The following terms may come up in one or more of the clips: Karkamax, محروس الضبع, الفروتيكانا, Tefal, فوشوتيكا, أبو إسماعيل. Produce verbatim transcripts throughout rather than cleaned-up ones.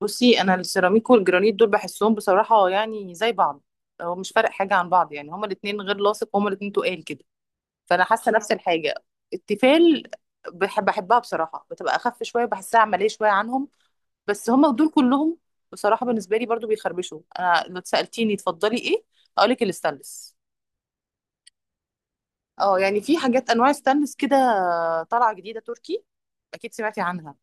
بصي، انا السيراميك والجرانيت دول بحسهم بصراحه يعني زي بعض. هو مش فارق حاجه عن بعض، يعني هما الاثنين غير لاصق، هما الاثنين تقال كده. فانا حاسه نفس الحاجه. التيفال بحب بحبها بصراحه، بتبقى اخف شويه، بحسها عمليه شويه عنهم. بس هما دول كلهم بصراحه بالنسبه لي برضو بيخربشوا. انا لو سالتيني تفضلي ايه، اقول لك الستانلس. اه يعني في حاجات انواع ستانلس كده طالعه جديده تركي، اكيد سمعتي عنها.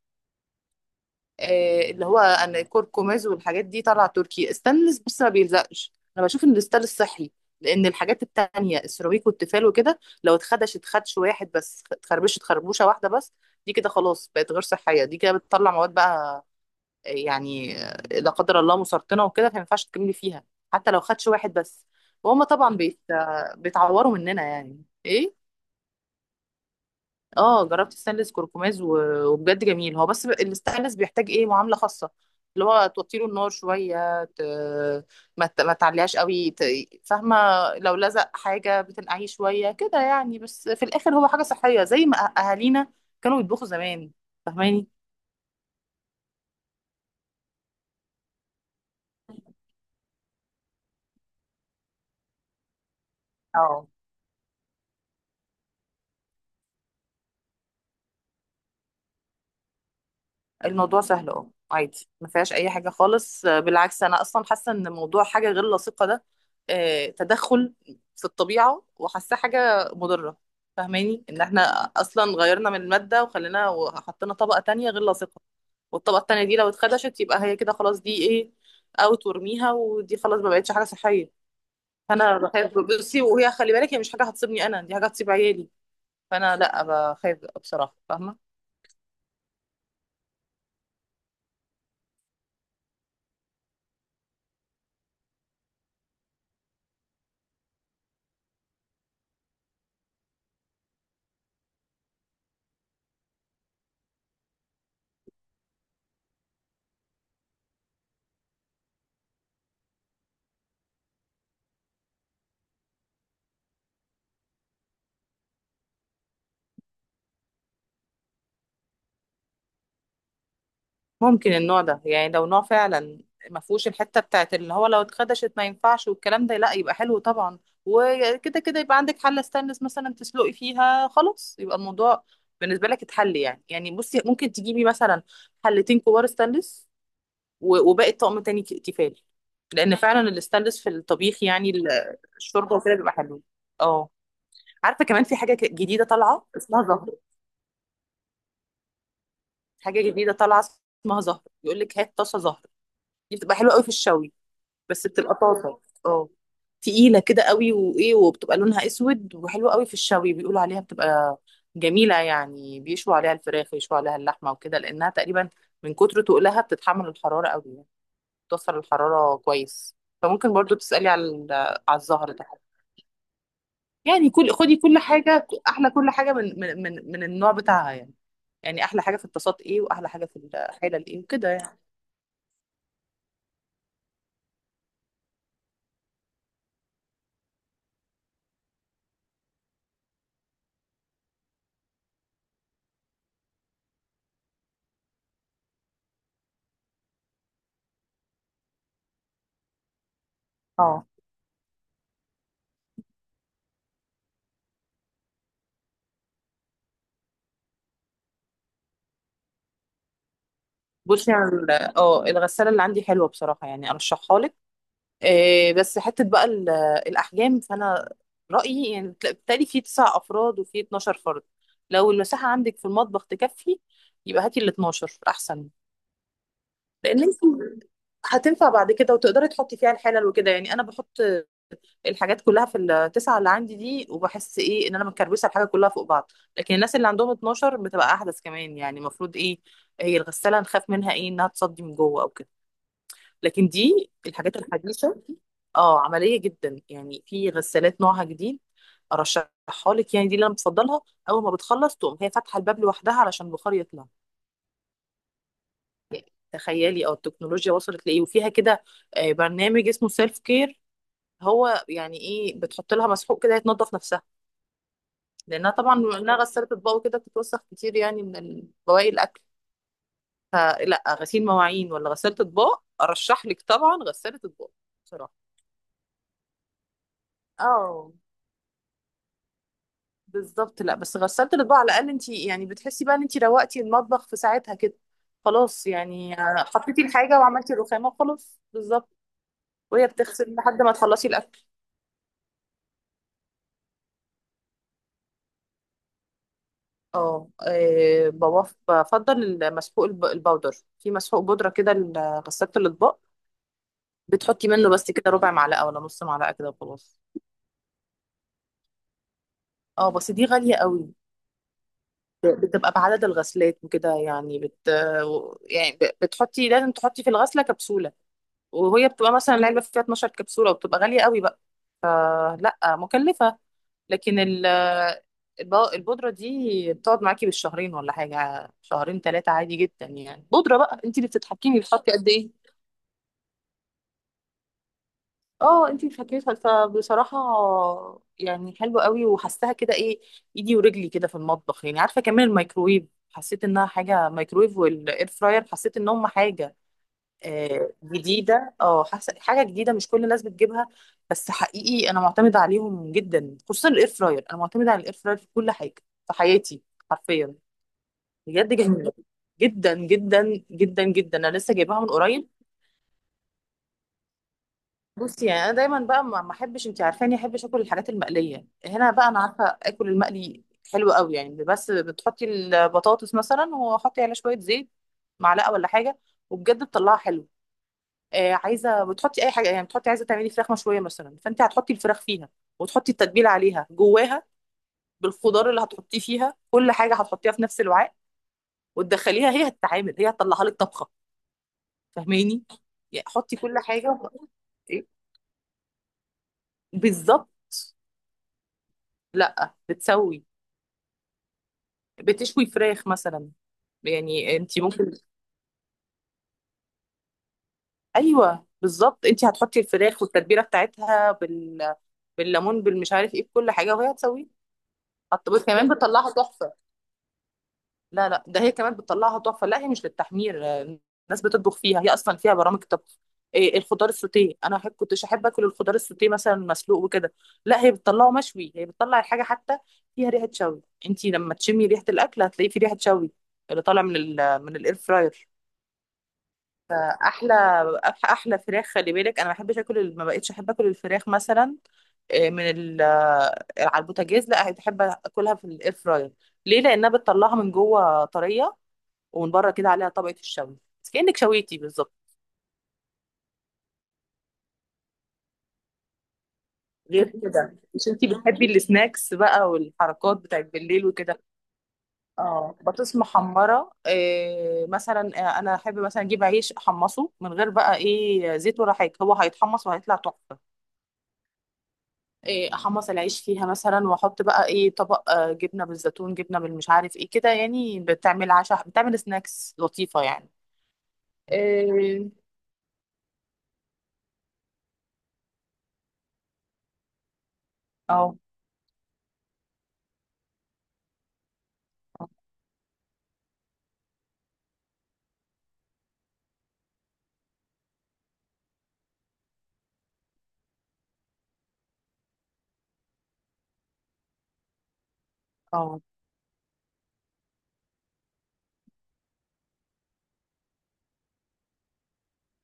آه، اللي هو انا كركماز والحاجات دي طالعه تركي. استانلس، بص ما بيلزقش، انا بشوف ان الاستانلس صحي. لان الحاجات التانية السيراميك والتيفال وكده، لو اتخدش اتخدش واحد بس، اتخربشت خربوشه واحده بس، دي كده خلاص بقت غير صحيه، دي كده بتطلع مواد بقى آه، يعني آه، لا قدر الله مسرطنه وكده، فما ينفعش تكملي فيها حتى لو خدش واحد بس. وهم طبعا بيت... آه، بيتعوروا مننا يعني ايه. اه جربت ستانلس كركماز و- وبجد جميل هو، بس ب- الستانلس بيحتاج ايه معامله خاصه، اللي هو توطيله النار شويه ت... ما, ت... ما تعليهاش قوي ت... فاهمه. لو لزق حاجه بتنقعيه شويه كده يعني، بس في الاخر هو حاجه صحيه زي ما أه- اهالينا كانوا يطبخوا زمان، فاهماني. اه الموضوع سهل، اه عادي ما فيهاش اي حاجه خالص. آه، بالعكس انا اصلا حاسه ان موضوع حاجه غير لائقه ده آه، تدخل في الطبيعه، وحاسه حاجه مضره. فاهماني ان احنا اصلا غيرنا من الماده وخلينا وحطينا طبقه تانية غير لائقه، والطبقه التانية دي لو اتخدشت يبقى هي كده خلاص، دي ايه، اوت، وارميها، ودي خلاص ما بقتش حاجه صحيه. فانا بخاف. بصي، وهي خلي بالك هي مش حاجه هتصيبني انا، دي حاجه هتصيب عيالي. فانا لا بخاف بصراحه، فاهمه. ممكن النوع ده يعني، لو نوع فعلا ما فيهوش الحته بتاعت اللي هو لو اتخدشت ما ينفعش والكلام ده، لا يبقى حلو طبعا. وكده كده يبقى عندك حله ستانلس مثلا تسلقي فيها، خلاص يبقى الموضوع بالنسبه لك اتحل يعني. يعني بصي ممكن تجيبي مثلا حلتين كبار ستانلس و- وباقي الطقم تاني ك- تيفال. لان فعلا الستانلس في الطبيخ يعني ال- الشوربه وكده بيبقى حلو. اه عارفه كمان في حاجه ك- جديده طالعه اسمها زهر. حاجه جديده طالعه اسمها زهر، يقول لك هات طاسه زهر. دي بتبقى حلوه قوي في الشوي، بس بتبقى طاسه اه تقيله كده قوي، وايه وبتبقى لونها اسود وحلوه قوي في الشوي، بيقولوا عليها بتبقى جميله يعني، بيشوا عليها الفراخ، يشوا عليها اللحمه وكده، لانها تقريبا من كتر تقلها بتتحمل الحراره قوي يعني، بتوصل الحراره كويس. فممكن برضو تسالي على ال- على الزهر ده. يعني كل، خدي كل حاجه احلى، كل حاجه من من من, من النوع بتاعها يعني. يعني احلى حاجه في الطاسات ايه، واحلى حاجه في الحله الايه وكده يعني. اه بصي على ال- اه الغساله اللي عندي حلوه بصراحه، يعني ارشحها لك. إيه بس حتة بقى ال- الأحجام، فأنا رأيي يعني بتلا- بتالي في تسع أفراد وفي اتناشر فرد. لو المساحة عندك في المطبخ تكفي يبقى هاتي ال اتناشر أحسن. لأن أنت هتنفع بعد كده وتقدري تحطي فيها الحلل وكده يعني. أنا بحط الحاجات كلها في التسعة اللي عندي دي، وبحس إيه إن أنا مكربسة الحاجة كلها فوق بعض. لكن الناس اللي عندهم اتناشر بتبقى أحدث كمان، يعني المفروض إيه، هي الغسالة نخاف منها إيه إنها تصدي من جوه أو كده، لكن دي الحاجات الحديثة. اه عملية جدا. يعني في غسالات نوعها جديد ارشحها لك، يعني دي اللي انا بفضلها، اول ما بتخلص تقوم هي فاتحة الباب لوحدها علشان البخار يطلع. تخيلي اه التكنولوجيا وصلت لايه، وفيها كده آه، برنامج اسمه سيلف كير، هو يعني ايه، بتحط لها مسحوق كده يتنضف نفسها، لانها طبعا بما انها غسالة اطباق وكده بتتوسخ كتير يعني من بواقي الاكل. فلا غسيل مواعين ولا غسالة اطباق، ارشح لك طبعا غسالة اطباق. بصراحة اه بالظبط، لا بس غسالة الاطباق على الاقل انت يعني بتحسي بقى ان انت روقتي المطبخ في ساعتها كده، خلاص يعني حطيتي الحاجة وعملتي الرخامة وخلاص بالظبط. وهي بتغسل لحد ما تخلصي الاكل. اه آه، بوف- بفضل المسحوق الب- البودر. في مسحوق بودرة كده لغسالة الاطباق، بتحطي منه بس كده ربع معلقة ولا نص معلقة كده وخلاص. اه بس دي غالية قوي، بتبقى بعدد الغسلات وكده يعني بت يعني ب- بتحطي، لازم تحطي في الغسلة كبسولة، وهي بتبقى مثلا العلبة فيها اتناشر كبسولة وبتبقى غالية قوي بقى، فلا مكلفة. لكن ال- الب- البودرة دي بتقعد معاكي بالشهرين ولا حاجة، شهرين ثلاثة عادي جدا يعني، بودرة بقى انت اللي بتتحكمي بتحطي قد ايه. اه انت اللي بتتحكمي في- فبصراحة يعني حلوة قوي، وحسها كده ايه، ايدي ورجلي كده في المطبخ يعني. عارفة كمان الميكرويف، حسيت انها حاجة مايكرويف، والاير فراير حسيت ان هم حاجة آه، جديده، اه حاسه حاجه جديده مش كل الناس بتجيبها. بس حقيقي انا معتمده عليهم جدا، خصوصا الاير فراير، انا معتمده على الاير فراير في كل حاجه في حياتي حرفيا. بجد جميله جدا جدا جدا جدا، انا لسه جايباها من قريب. بصي يعني انا دايما بقى ما ما احبش، انت عارفاني احبش اكل الحاجات المقليه، هنا بقى انا عارفه اكل المقلي حلو قوي يعني، بس بتحطي البطاطس مثلا وحطي عليها شويه زيت معلقه ولا حاجه، وبجد بتطلعها حلوه. آه، عايزه بتحطي اي حاجه، يعني بتحطي عايزه تعملي فراخ مشويه مثلا، فانت هتحطي الفراخ فيها، وتحطي التتبيله عليها جواها بالخضار اللي هتحطيه فيها، كل حاجه هتحطيها في نفس الوعاء، وتدخليها هي هتتعامل، هي هتطلعها لك طبخه، فاهماني. يعني حطي كل حاجه وح- إيه؟ بالظبط. لا بتسوي، بتشوي فراخ مثلا. يعني انت ممكن ايوه بالظبط، انت هتحطي الفراخ والتتبيله بتاعتها بال... بالليمون بالمش عارف ايه، بكل حاجه وهي هتسويه. هت- كمان بتطلعها تحفه. لا لا ده هي كمان بتطلعها تحفه، لا هي مش للتحمير. آه، الناس بتطبخ فيها، هي اصلا فيها برامج طبخ إيه. الخضار السوتيه انا أحب، كنتش احب اكل الخضار السوتيه مثلا مسلوق وكده، لا هي بتطلعه مشوي، هي بتطلع الحاجه حتى فيها ريحه شوي، انت لما تشمي ريحه الاكل هتلاقيه في ريحه شوي اللي طالع من ال من الاير فراير. احلى أح- احلى فراخ، خلي بالك انا ما بحبش اكل ال- ما بقتش احب اكل الفراخ مثلا آه، من ال آه، على البوتاجاز، لا بحب اكلها في الاير فراير ليه، لانها بتطلعها من جوه طريه ومن بره كده عليها طبقة الشوي، بس كأنك شويتي بالظبط. غير كده مش انتي بتحبي السناكس بقى والحركات بتاعت بالليل وكده. اه بطاطس محمرة إيه مثلا، آه، انا احب مثلا اجيب عيش احمصه من غير بقى ايه زيت ولا حاجة، هو هيتحمص وهيطلع تحفة. إيه احمص العيش فيها مثلا، واحط بقى ايه طبق آه، جبنة بالزيتون، جبنة بالمش عارف ايه كده، يعني بتعمل عشاء، بتعمل سناكس لطيفة يعني. إيه. اه. اه. آه.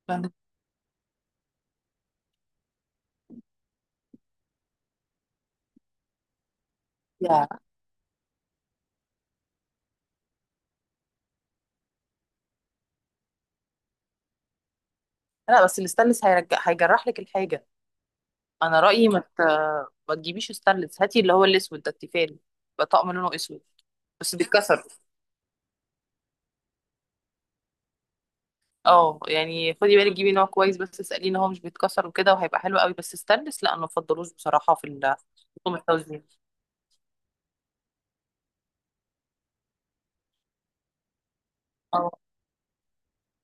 فاهمة. يا. لا بس الستانلس هيرجع هيجرح لك الحاجة. انا رايي ما مت... ما تجيبيش ستانلس، هاتي اللي هو الاسود ده التيفال بقى، طقم لونه اسود بس بيتكسر. اه يعني خدي بالك جيبي نوع كويس، بس اساليه ان هو مش بيتكسر وكده وهيبقى حلو قوي، بس ستانلس لا انا ما بفضلوش بصراحه في ال- في طقم التوزيع. اه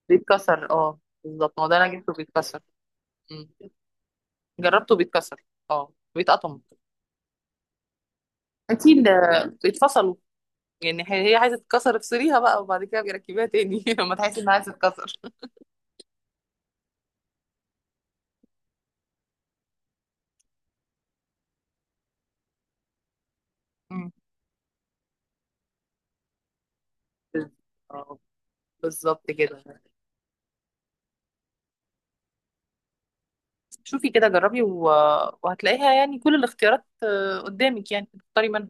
بيتكسر اه بالظبط، ما هو ده انا جبته بيتكسر. مم. جربته بيتكسر، اه بيتقطم. هاتي اللي بيتفصلوا، يعني هي هي عايزه تتكسر افصليها بقى وبعد كده بيركبيها تاني لما تحسي انها عايزه تتكسر. مم. بالظبط. بالظبط كده. شوفي كده جربي و... وهتلاقيها يعني كل الاختيارات آه، قدامك يعني تختاري منها.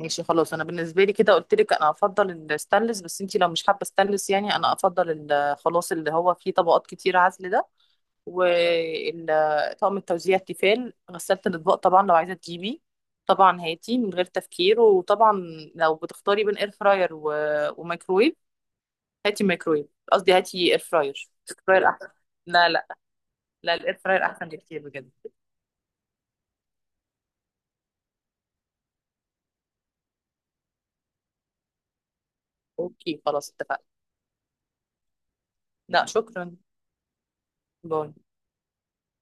ماشي خلاص، انا بالنسبه لي كده قلت لك انا افضل الستانلس، بس انتي لو مش حابه ستانلس يعني انا افضل ال- خلاص اللي هو فيه طبقات كتير عزل ده. وطقم التوزيع التيفال، غسالة الاطباق طبعا لو عايزه تجيبي طبعا هاتي من غير تفكير. وطبعا لو بتختاري بين اير فراير و... وميكرويف، هاتي ميكرويف، قصدي هاتي اير فراير، اير فراير احسن. لا لا، لا الاير فراير احسن بكتير بجد. اوكي خلاص اتفقنا. لا شكرا. باي.